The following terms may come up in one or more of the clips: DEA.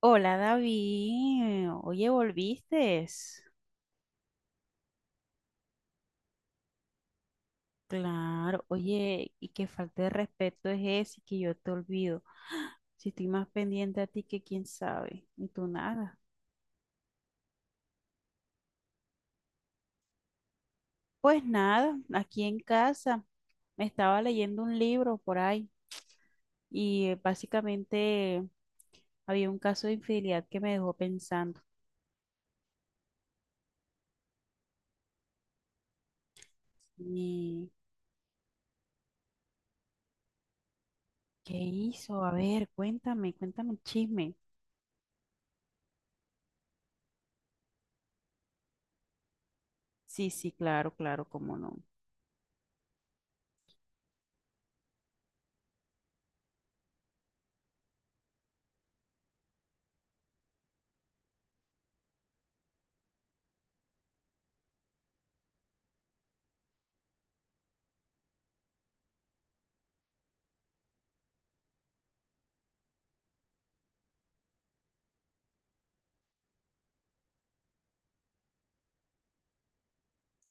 Hola David, oye, ¿volviste? Claro, oye, y qué falta de respeto es ese que yo te olvido. Si estoy más pendiente a ti que quién sabe, y tú nada. Pues nada, aquí en casa me estaba leyendo un libro por ahí y básicamente había un caso de infidelidad que me dejó pensando. ¿Y qué hizo? A ver, cuéntame, cuéntame el chisme. Sí, sí, claro, claro, cómo no.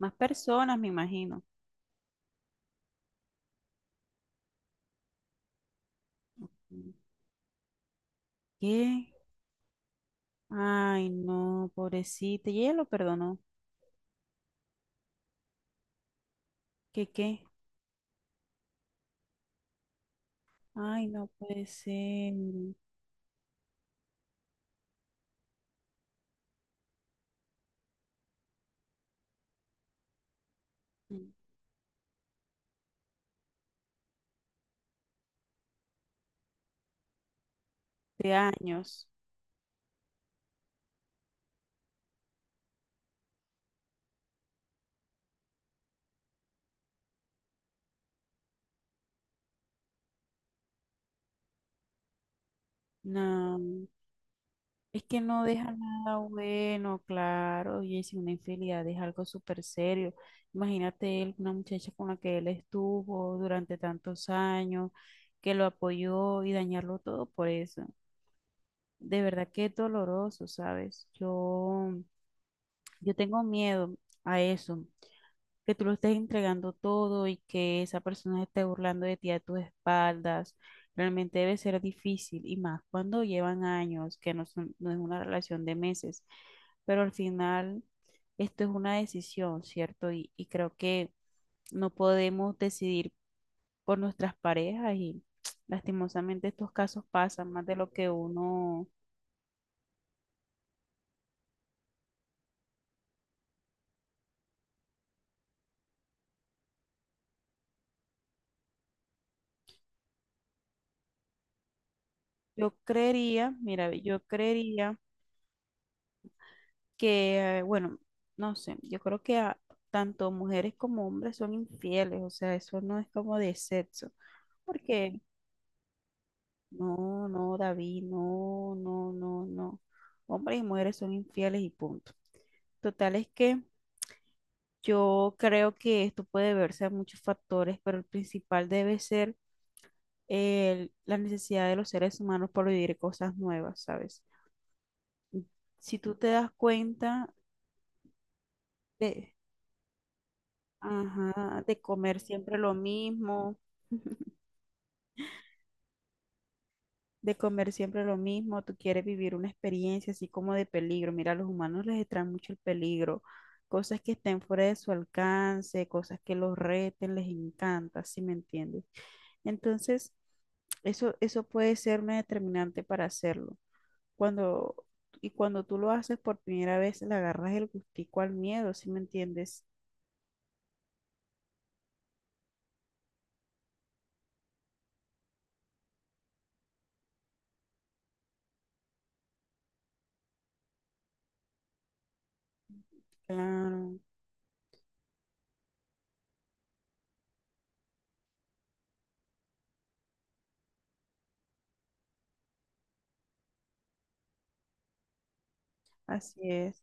Más personas, me imagino. ¿Qué? Ay, no, pobrecita. Y ella lo perdonó. ¿Qué qué? Ay, no puede ser. De años. No. Es que no deja nada bueno, claro. Y es una infidelidad, es algo súper serio. Imagínate él, una muchacha con la que él estuvo durante tantos años, que lo apoyó y dañarlo todo por eso. De verdad que es doloroso, ¿sabes? Yo tengo miedo a eso. Que tú lo estés entregando todo y que esa persona se esté burlando de ti a tus espaldas, realmente debe ser difícil y más cuando llevan años, que no, son- no es una relación de meses, pero al final esto es una decisión, ¿cierto? Y creo que no podemos decidir por nuestras parejas y lastimosamente estos casos pasan más de lo que uno, yo creería, mira, yo creería que, bueno, no sé, yo creo que a- tanto mujeres como hombres son infieles, o sea, eso no es como de sexo, porque no, no, David, no, no, no, no, hombres y mujeres son infieles y punto. Total es que yo creo que esto puede verse a muchos factores, pero el principal debe ser el- la necesidad de los seres humanos por vivir cosas nuevas, ¿sabes? Si tú te das cuenta, ajá, de comer siempre lo mismo. De comer siempre lo mismo, tú quieres vivir una experiencia así como de peligro. Mira, a los humanos les extrae mucho el peligro, cosas que estén fuera de su alcance, cosas que los reten, les encanta, ¿sí me entiendes? Entonces, eso puede ser una determinante para hacerlo. Cuando, y cuando tú lo haces por primera vez, le agarras el gustico al miedo, ¿sí me entiendes? Claro, así es.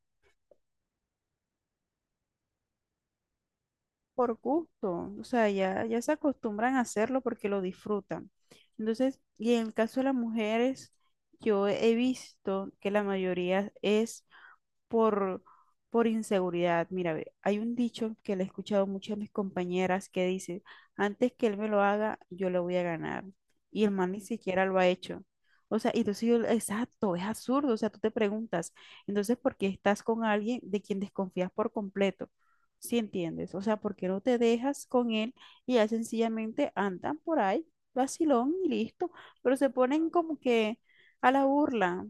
Por gusto, o sea, ya se acostumbran a hacerlo porque lo disfrutan. Entonces, y en el caso de las mujeres, yo he visto que la mayoría es por, por inseguridad. Mira, ve, hay un dicho que le he escuchado mucho a mis compañeras que dice, antes que él me lo haga, yo le voy a ganar. Y el man ni siquiera lo ha hecho. O sea, y entonces yo, exacto, es absurdo. O sea, tú te preguntas, entonces, ¿por qué estás con alguien de quien desconfías por completo? ¿Sí entiendes? O sea, ¿por qué no te dejas con él y ya sencillamente andan por ahí, vacilón y listo? Pero se ponen como que a la burla.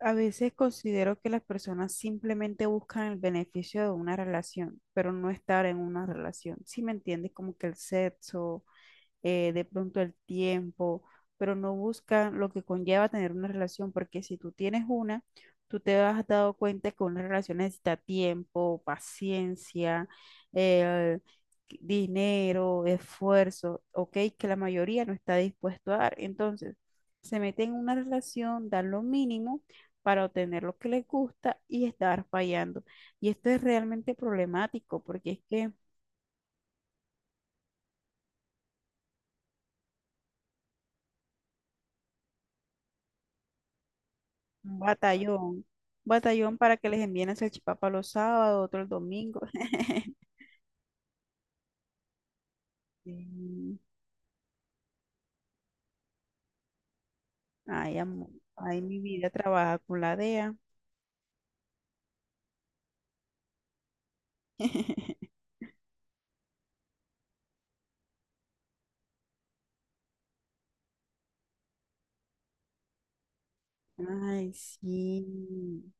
A veces considero que las personas simplemente buscan el beneficio de una relación, pero no estar en una relación. Si me entiendes, como que el sexo, de pronto el tiempo, pero no buscan lo que conlleva tener una relación, porque si tú tienes una, tú te has dado cuenta que una relación necesita tiempo, paciencia, eh, dinero, esfuerzo, ok, que la mayoría no está dispuesto a dar. Entonces, se meten en una relación, dan lo mínimo para obtener lo que les gusta y estar fallando. Y esto es realmente problemático porque es que un batallón. Batallón para que les envíen el salchipapa los sábados, otro el domingo. Sí. Ay, amor. Ay, mi vida trabaja con la DEA. Ay, sí.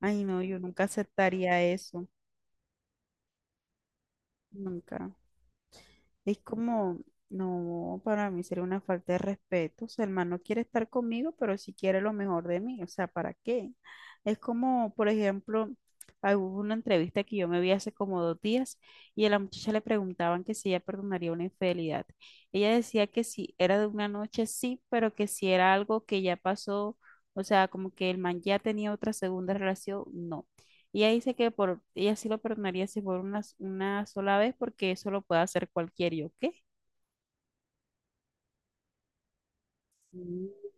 Ay, no, yo nunca aceptaría eso. Nunca. Es como, no, para mí sería una falta de respeto. O sea, el man no quiere estar conmigo, pero sí quiere lo mejor de mí. O sea, ¿para qué? Es como, por ejemplo, ah, hubo una entrevista que yo me vi hace como dos días y a la muchacha le preguntaban que si ella perdonaría una infidelidad. Ella decía que si era de una noche, sí, pero que si era algo que ya pasó, o sea, como que el man ya tenía otra segunda relación, no. Y ella dice que por, ella sí lo perdonaría si por una sola vez, porque eso lo puede hacer cualquiera. ¿Yo qué? Sí.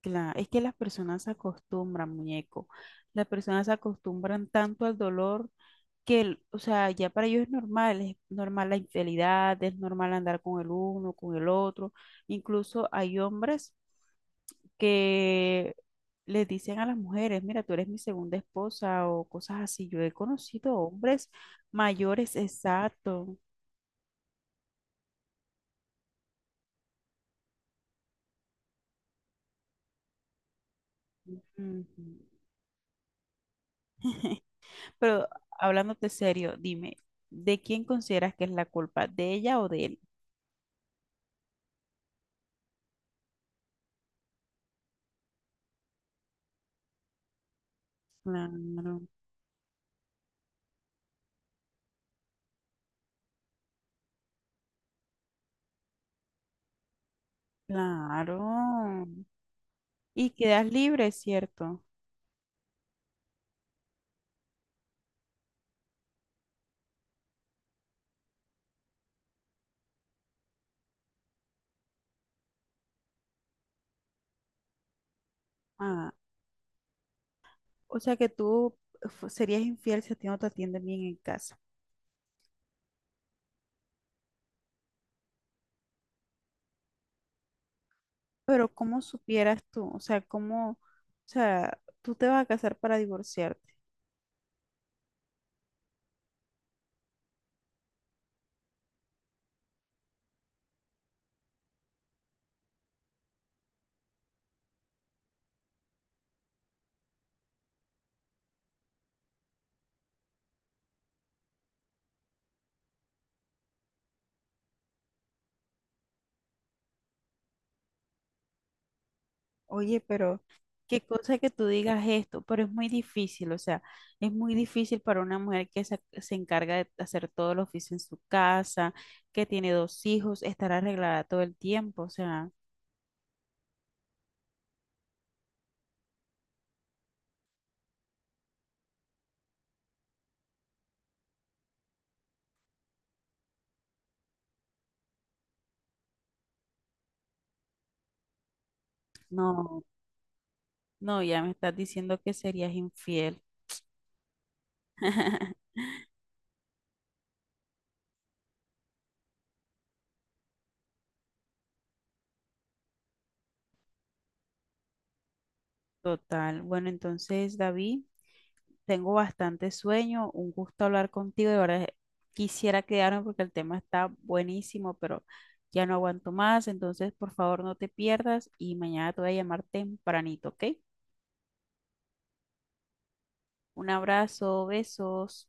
Claro, es que las personas se acostumbran, muñeco. Las personas se acostumbran tanto al dolor que, el- o sea, ya para ellos es normal la infidelidad, es normal andar con el uno, con el otro. Incluso hay hombres que les dicen a las mujeres, mira, tú eres mi segunda esposa o cosas así. Yo he conocido hombres mayores, exacto. Ujú. Pero hablándote serio, dime, ¿de quién consideras que es la culpa? ¿De ella o de él? Claro, claro. Y quedas libre, ¿cierto? Ah, o sea que tú fu- serías infiel si a ti no te atienden bien en casa. Pero ¿cómo supieras tú? O sea, ¿cómo? O sea, tú te vas a casar para divorciarte. Oye, pero qué cosa que tú digas esto, pero es muy difícil, o sea, es muy difícil para una mujer que se encarga de hacer todo el oficio en su casa, que tiene dos hijos, estar arreglada todo el tiempo, o sea, no, no, ya me estás diciendo que serías infiel. Total. Bueno, entonces, David. Tengo bastante sueño, un gusto hablar contigo, de verdad quisiera quedarme porque el tema está buenísimo, pero ya no aguanto más, entonces por favor no te pierdas y mañana te voy a llamar tempranito, ¿ok? Un abrazo, besos.